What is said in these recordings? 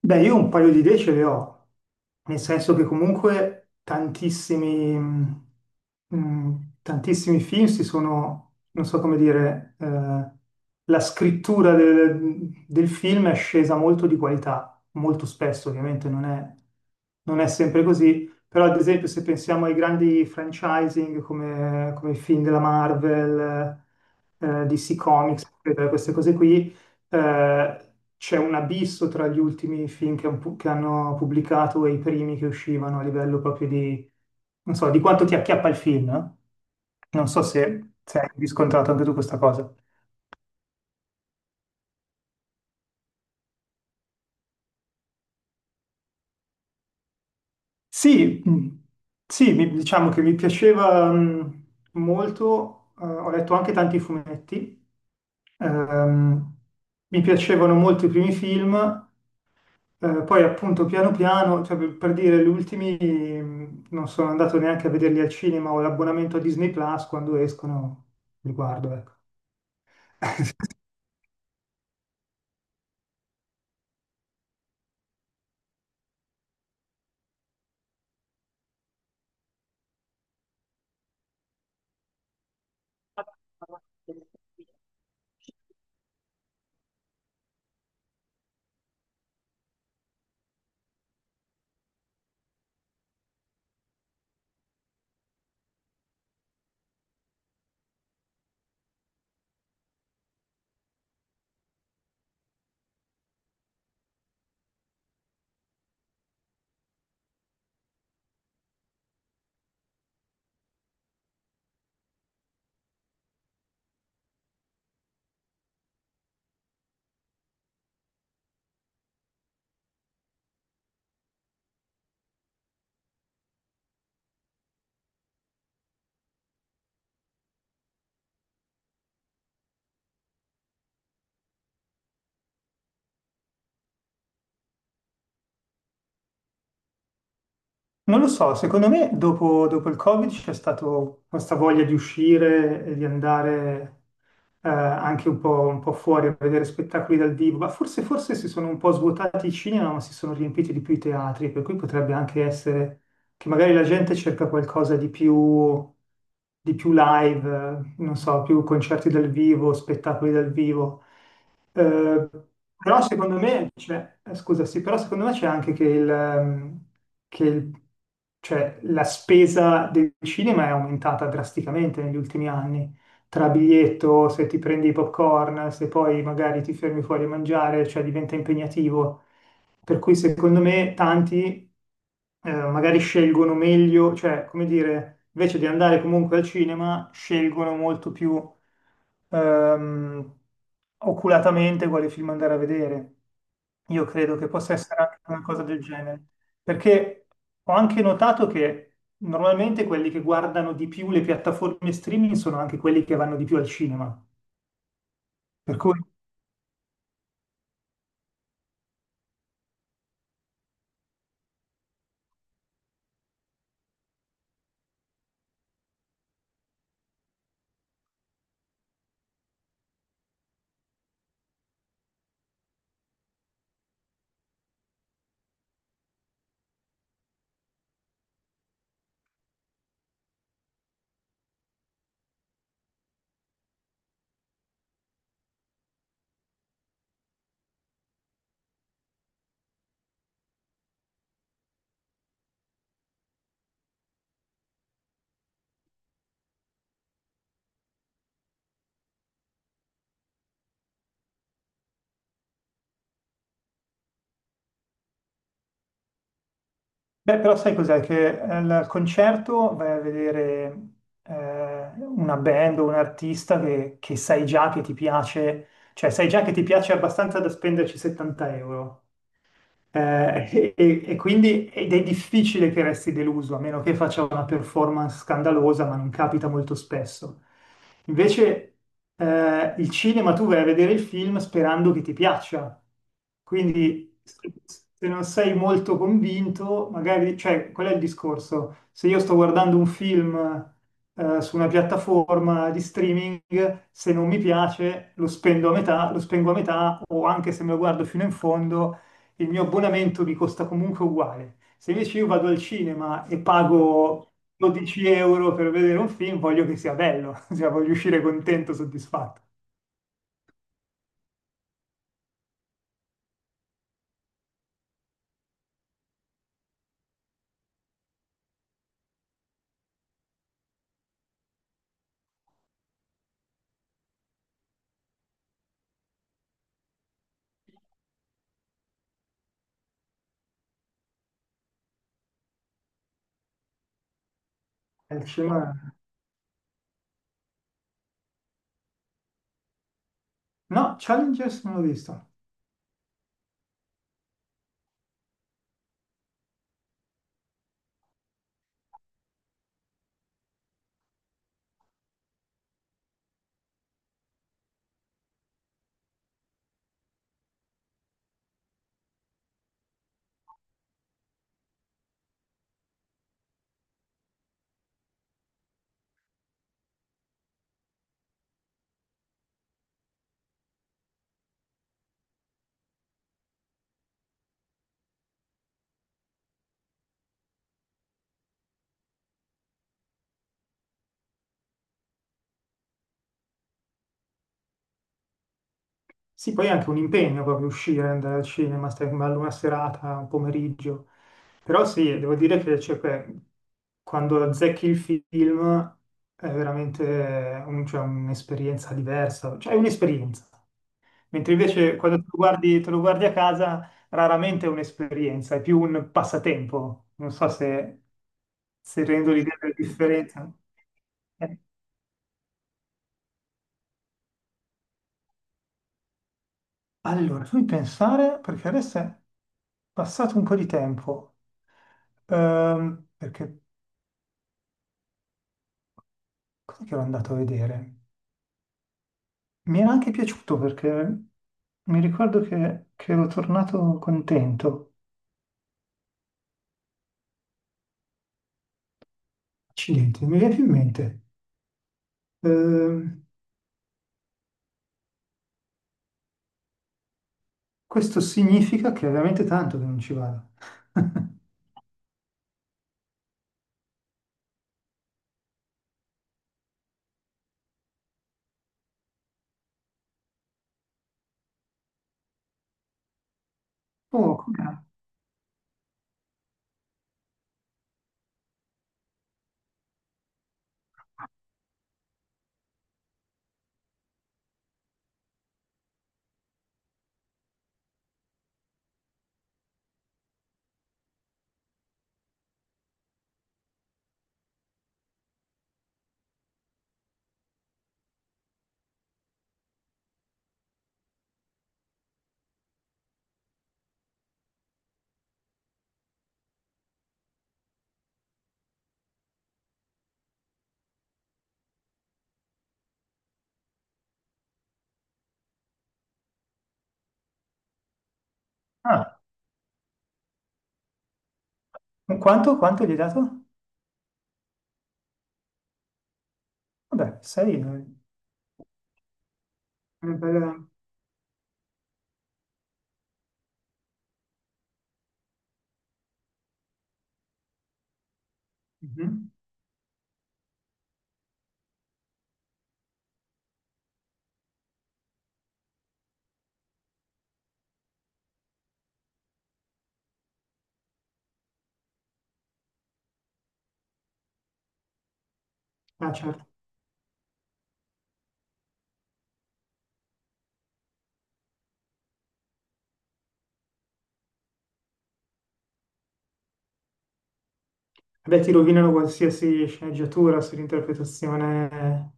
Beh, io un paio di idee ce le ho, nel senso che comunque tantissimi, mm, tantissimi film si sono, non so come dire, la scrittura del film è scesa molto di qualità, molto spesso ovviamente non è sempre così, però ad esempio se pensiamo ai grandi franchising come i film della Marvel, DC Comics, eccetera, queste cose qui, eh, c'è un abisso tra gli ultimi film che, che hanno pubblicato e i primi che uscivano a livello proprio di, non so, di quanto ti acchiappa il film, eh? Non so se hai riscontrato anche tu questa cosa. Sì, sì, diciamo che mi piaceva molto, ho letto anche tanti fumetti, ehm, mi piacevano molto i primi film. Poi appunto piano piano, cioè, per dire, gli ultimi non sono andato neanche a vederli al cinema o l'abbonamento a Disney Plus quando escono, li guardo, ecco. Non lo so, secondo me dopo il Covid c'è stata questa voglia di uscire e di andare anche un po' fuori a vedere spettacoli dal vivo, ma forse si sono un po' svuotati i cinema, ma si sono riempiti di più i teatri, per cui potrebbe anche essere che magari la gente cerca qualcosa di più live, non so, più concerti dal vivo, spettacoli dal vivo. Eh, però secondo me, cioè, scusa, sì, però secondo me c'è anche che, che il- cioè, la spesa del cinema è aumentata drasticamente negli ultimi anni. Tra biglietto, se ti prendi i popcorn, se poi magari ti fermi fuori a mangiare, cioè diventa impegnativo. Per cui secondo me tanti magari scelgono meglio, cioè come dire, invece di andare comunque al cinema, scelgono molto più ehm, oculatamente quale film andare a vedere. Io credo che possa essere anche una cosa del genere, perché ho anche notato che normalmente quelli che guardano di più le piattaforme streaming sono anche quelli che vanno di più al cinema. Per cui beh, però sai cos'è? Che al concerto vai a vedere una band o un artista che sai già che ti piace, cioè sai già che ti piace abbastanza da spenderci 70 euro. E quindi ed è difficile che resti deluso, a meno che faccia una performance scandalosa, ma non capita molto spesso. Invece, il cinema tu vai a vedere il film sperando che ti piaccia. Quindi, se non sei molto convinto, magari, cioè, qual è il discorso? Se io sto guardando un film, su una piattaforma di streaming, se non mi piace, lo spendo a metà, lo spengo a metà, o anche se me lo guardo fino in fondo il mio abbonamento mi costa comunque uguale. Se invece io vado al cinema e pago 12 euro per vedere un film, voglio che sia bello, cioè voglio uscire contento, soddisfatto. Al cinema... No, Challengers non l'ho visto. Sì, poi è anche un impegno proprio uscire, andare al cinema, stare con bello una serata, un pomeriggio. Però sì, devo dire che cioè, quando azzecchi il film è veramente cioè, un'esperienza diversa, cioè è un'esperienza. Mentre invece quando te lo guardi a casa, raramente è un'esperienza, è più un passatempo. Non so se, se rendo l'idea della differenza. Eh, Allora, fammi pensare, perché adesso è passato un po' di tempo. Perché cos'è che ero andato a vedere? Mi era anche piaciuto perché mi ricordo che ero tornato contento. Accidenti, non mi viene più in mente. Ehm, Questo significa che è veramente tanto che non ci vado. Oh, come... Ah, quanto gli hai dato? Vabbè, 6 è una bella... Mhm. Ah, certo. Vabbè, ti rovinano qualsiasi sceneggiatura se l'interpretazione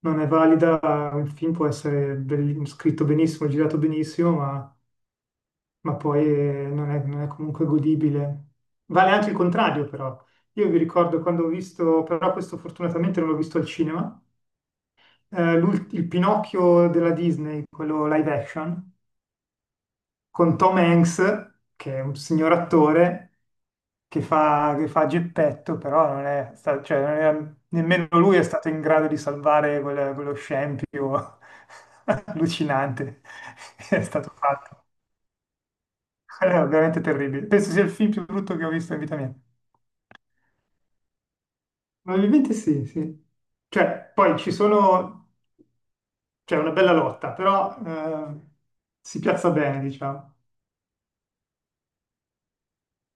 non è valida. Un film può essere scritto benissimo, girato benissimo, ma poi non è comunque godibile. Vale anche il contrario, però. Io vi ricordo quando ho visto, però questo fortunatamente non l'ho visto al cinema, il Pinocchio della Disney, quello live action, con Tom Hanks, che è un signor attore che fa Geppetto, però non è sta- cioè, non era- nemmeno lui è stato in grado di salvare quello scempio allucinante che è stato fatto. Era veramente terribile. Penso sia il film più brutto che ho visto in vita mia. Probabilmente sì, sì. Cioè, c'è una bella lotta, però si piazza bene, diciamo.